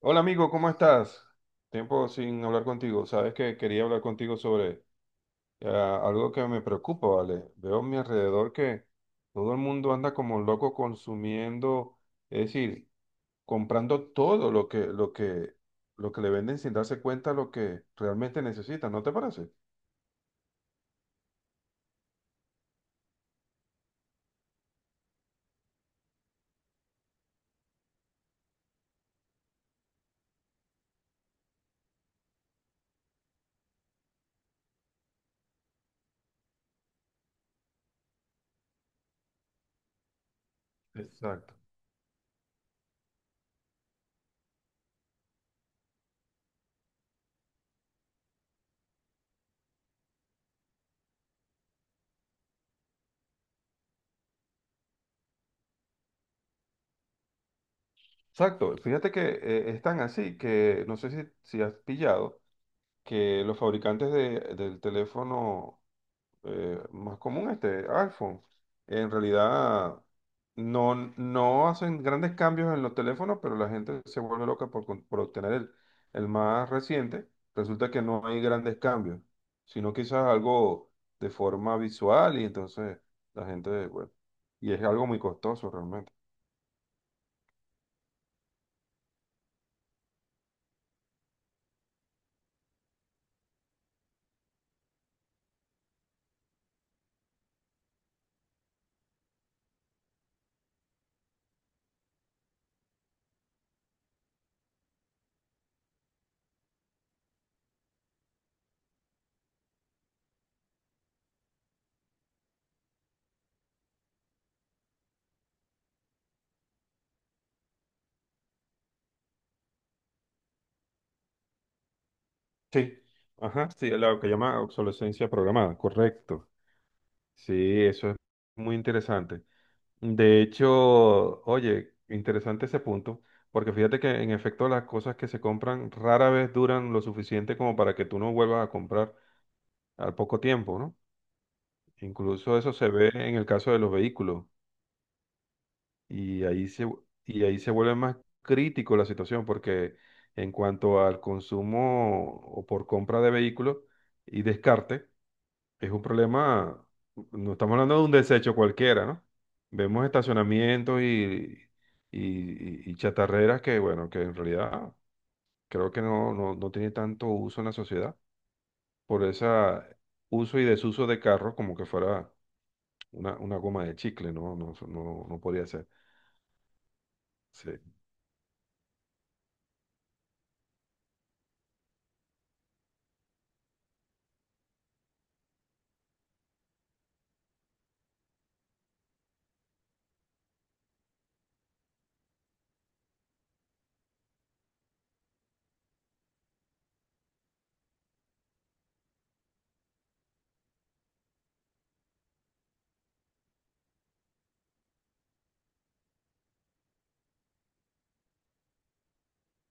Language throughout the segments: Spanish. Hola amigo, ¿cómo estás? Tiempo sin hablar contigo. Sabes que quería hablar contigo sobre algo que me preocupa, ¿vale? Veo a mi alrededor que todo el mundo anda como loco consumiendo, es decir, comprando todo lo que le venden sin darse cuenta lo que realmente necesitan, ¿no te parece? Exacto. Exacto. Fíjate que es tan así que no sé si has pillado que los fabricantes del teléfono más común, este iPhone. En realidad no hacen grandes cambios en los teléfonos, pero la gente se vuelve loca por, por obtener el más reciente. Resulta que no hay grandes cambios, sino quizás algo de forma visual, y entonces la gente, bueno, y es algo muy costoso realmente. Sí, ajá, sí, lo que llama obsolescencia programada, correcto. Sí, eso es muy interesante. De hecho, oye, interesante ese punto, porque fíjate que en efecto las cosas que se compran rara vez duran lo suficiente como para que tú no vuelvas a comprar al poco tiempo, ¿no? Incluso eso se ve en el caso de los vehículos, y ahí se, y ahí se vuelve más crítico la situación, porque en cuanto al consumo o por compra de vehículos y descarte, es un problema. No estamos hablando de un desecho cualquiera, ¿no? Vemos estacionamientos y- y chatarreras que, bueno, que en realidad creo que no tiene tanto uso en la sociedad por ese uso y desuso de carros, como que fuera una goma de chicle, ¿no? No podría ser. Sí.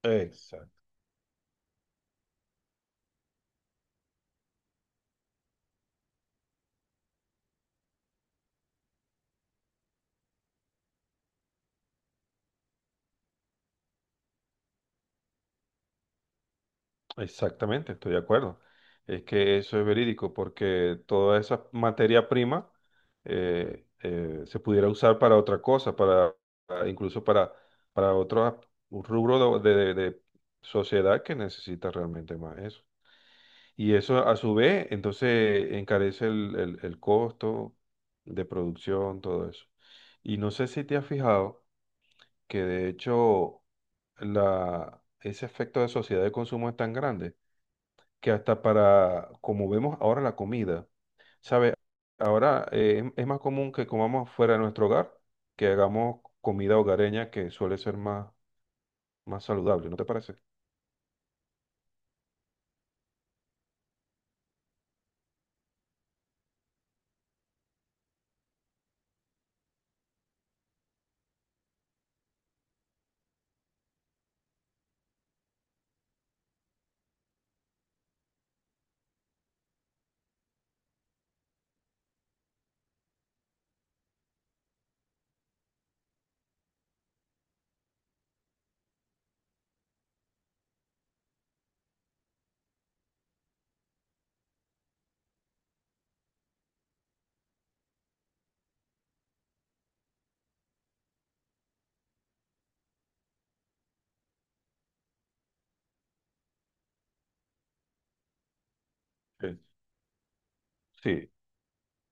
Exacto. Exactamente, estoy de acuerdo. Es que eso es verídico porque toda esa materia prima se pudiera usar para otra cosa, para incluso para otro rubro de, de sociedad que necesita realmente más eso. Y eso a su vez, entonces, encarece el costo de producción, todo eso. Y no sé si te has fijado que de hecho ese efecto de sociedad de consumo es tan grande que hasta para, como vemos ahora la comida, ¿sabe? Ahora es más común que comamos fuera de nuestro hogar que hagamos comida hogareña, que suele ser más, más saludable, ¿no te parece? Sí. Sí,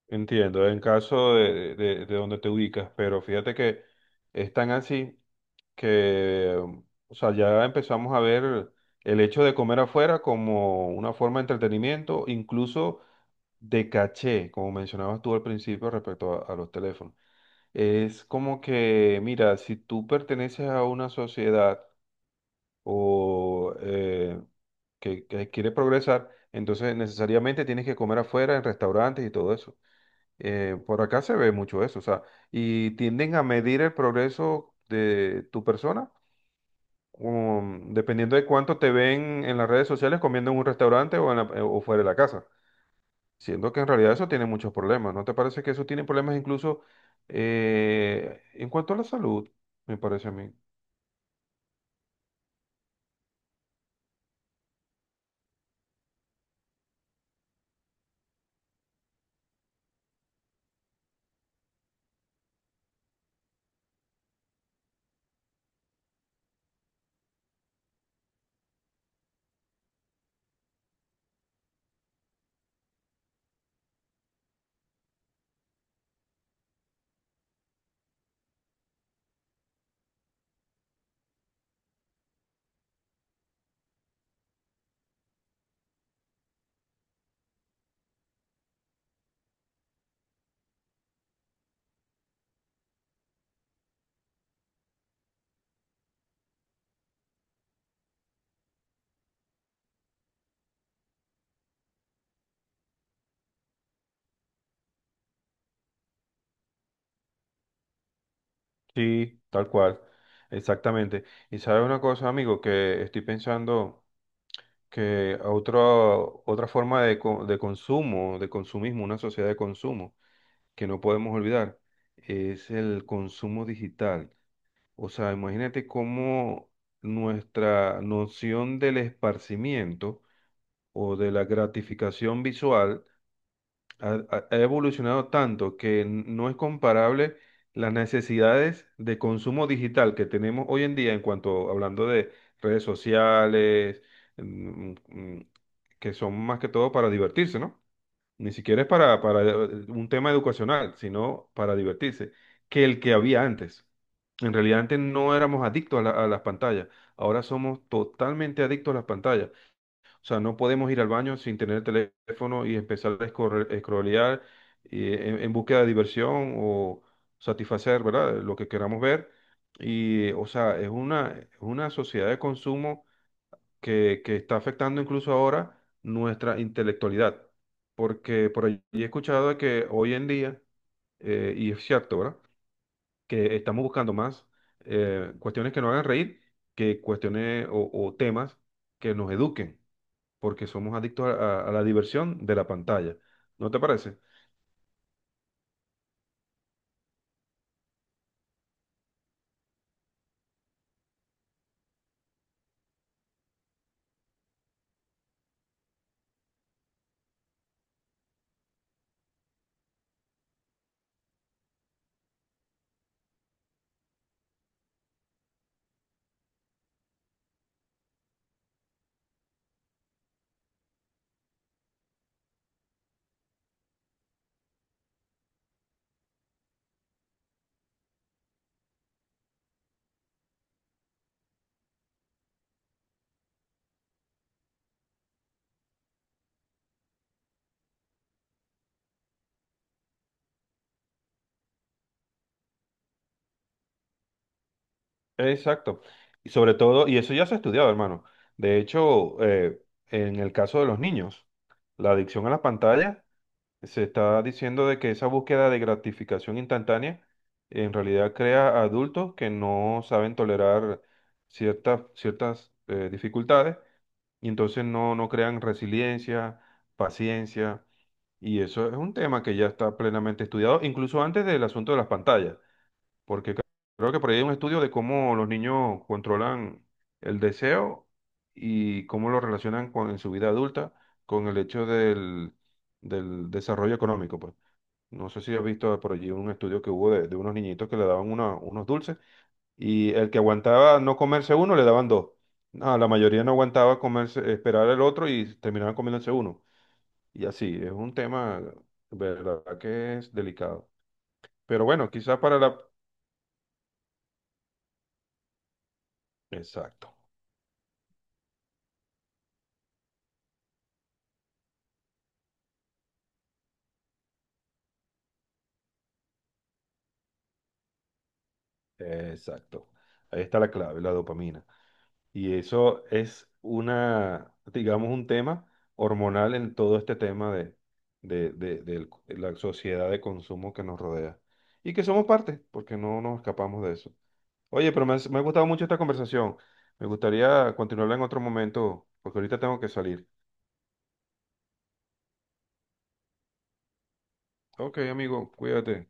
entiendo, en caso de, de donde te ubicas, pero fíjate que es tan así que, o sea, ya empezamos a ver el hecho de comer afuera como una forma de entretenimiento, incluso de caché, como mencionabas tú al principio respecto a los teléfonos. Es como que, mira, si tú perteneces a una sociedad o que quiere progresar, entonces necesariamente tienes que comer afuera en restaurantes y todo eso. Por acá se ve mucho eso, o sea, y tienden a medir el progreso de tu persona, dependiendo de cuánto te ven en las redes sociales comiendo en un restaurante o, o fuera de la casa. Siendo que en realidad eso tiene muchos problemas, ¿no te parece que eso tiene problemas incluso en cuanto a la salud? Me parece a mí. Sí, tal cual, exactamente. Y sabes una cosa, amigo, que estoy pensando que otra forma de, de consumo, de consumismo, una sociedad de consumo que no podemos olvidar, es el consumo digital. O sea, imagínate cómo nuestra noción del esparcimiento o de la gratificación visual ha, ha evolucionado tanto que no es comparable las necesidades de consumo digital que tenemos hoy en día, en cuanto hablando de redes sociales, mm, mm, que son más que todo para divertirse, ¿no? Ni siquiera es para un tema educacional, sino para divertirse, que el que había antes. En realidad antes no éramos adictos a a las pantallas, ahora somos totalmente adictos a las pantallas. O sea, no podemos ir al baño sin tener el teléfono y empezar a scrollear en búsqueda de diversión o satisfacer, ¿verdad? Lo que queramos ver. Y, o sea, es una sociedad de consumo que está afectando incluso ahora nuestra intelectualidad. Porque por allí he escuchado de que hoy en día, y es cierto, ¿verdad? Que estamos buscando más cuestiones que nos hagan reír que cuestiones o temas que nos eduquen, porque somos adictos a, a la diversión de la pantalla. ¿No te parece? Exacto. Y sobre todo, y eso ya se ha estudiado, hermano. De hecho, en el caso de los niños, la adicción a la pantalla, se está diciendo de que esa búsqueda de gratificación instantánea en realidad crea adultos que no saben tolerar ciertas dificultades, y entonces no crean resiliencia, paciencia. Y eso es un tema que ya está plenamente estudiado, incluso antes del asunto de las pantallas, porque creo que por ahí hay un estudio de cómo los niños controlan el deseo y cómo lo relacionan con, en su vida adulta, con el hecho del desarrollo económico, pues. No sé si has visto por allí un estudio que hubo de unos niñitos que le daban unos dulces, y el que aguantaba no comerse uno, le daban 2. No, la mayoría no aguantaba comerse, esperar el otro, y terminaban comiéndose uno. Y así, es un tema, verdad que es delicado. Pero bueno, quizás para la... Exacto, exacto. Ahí está la clave, la dopamina. Y eso es una, digamos, un tema hormonal en todo este tema de, de la sociedad de consumo que nos rodea. Y que somos parte, porque no nos escapamos de eso. Oye, pero me, me ha gustado mucho esta conversación. Me gustaría continuarla en otro momento, porque ahorita tengo que salir. Ok, amigo, cuídate.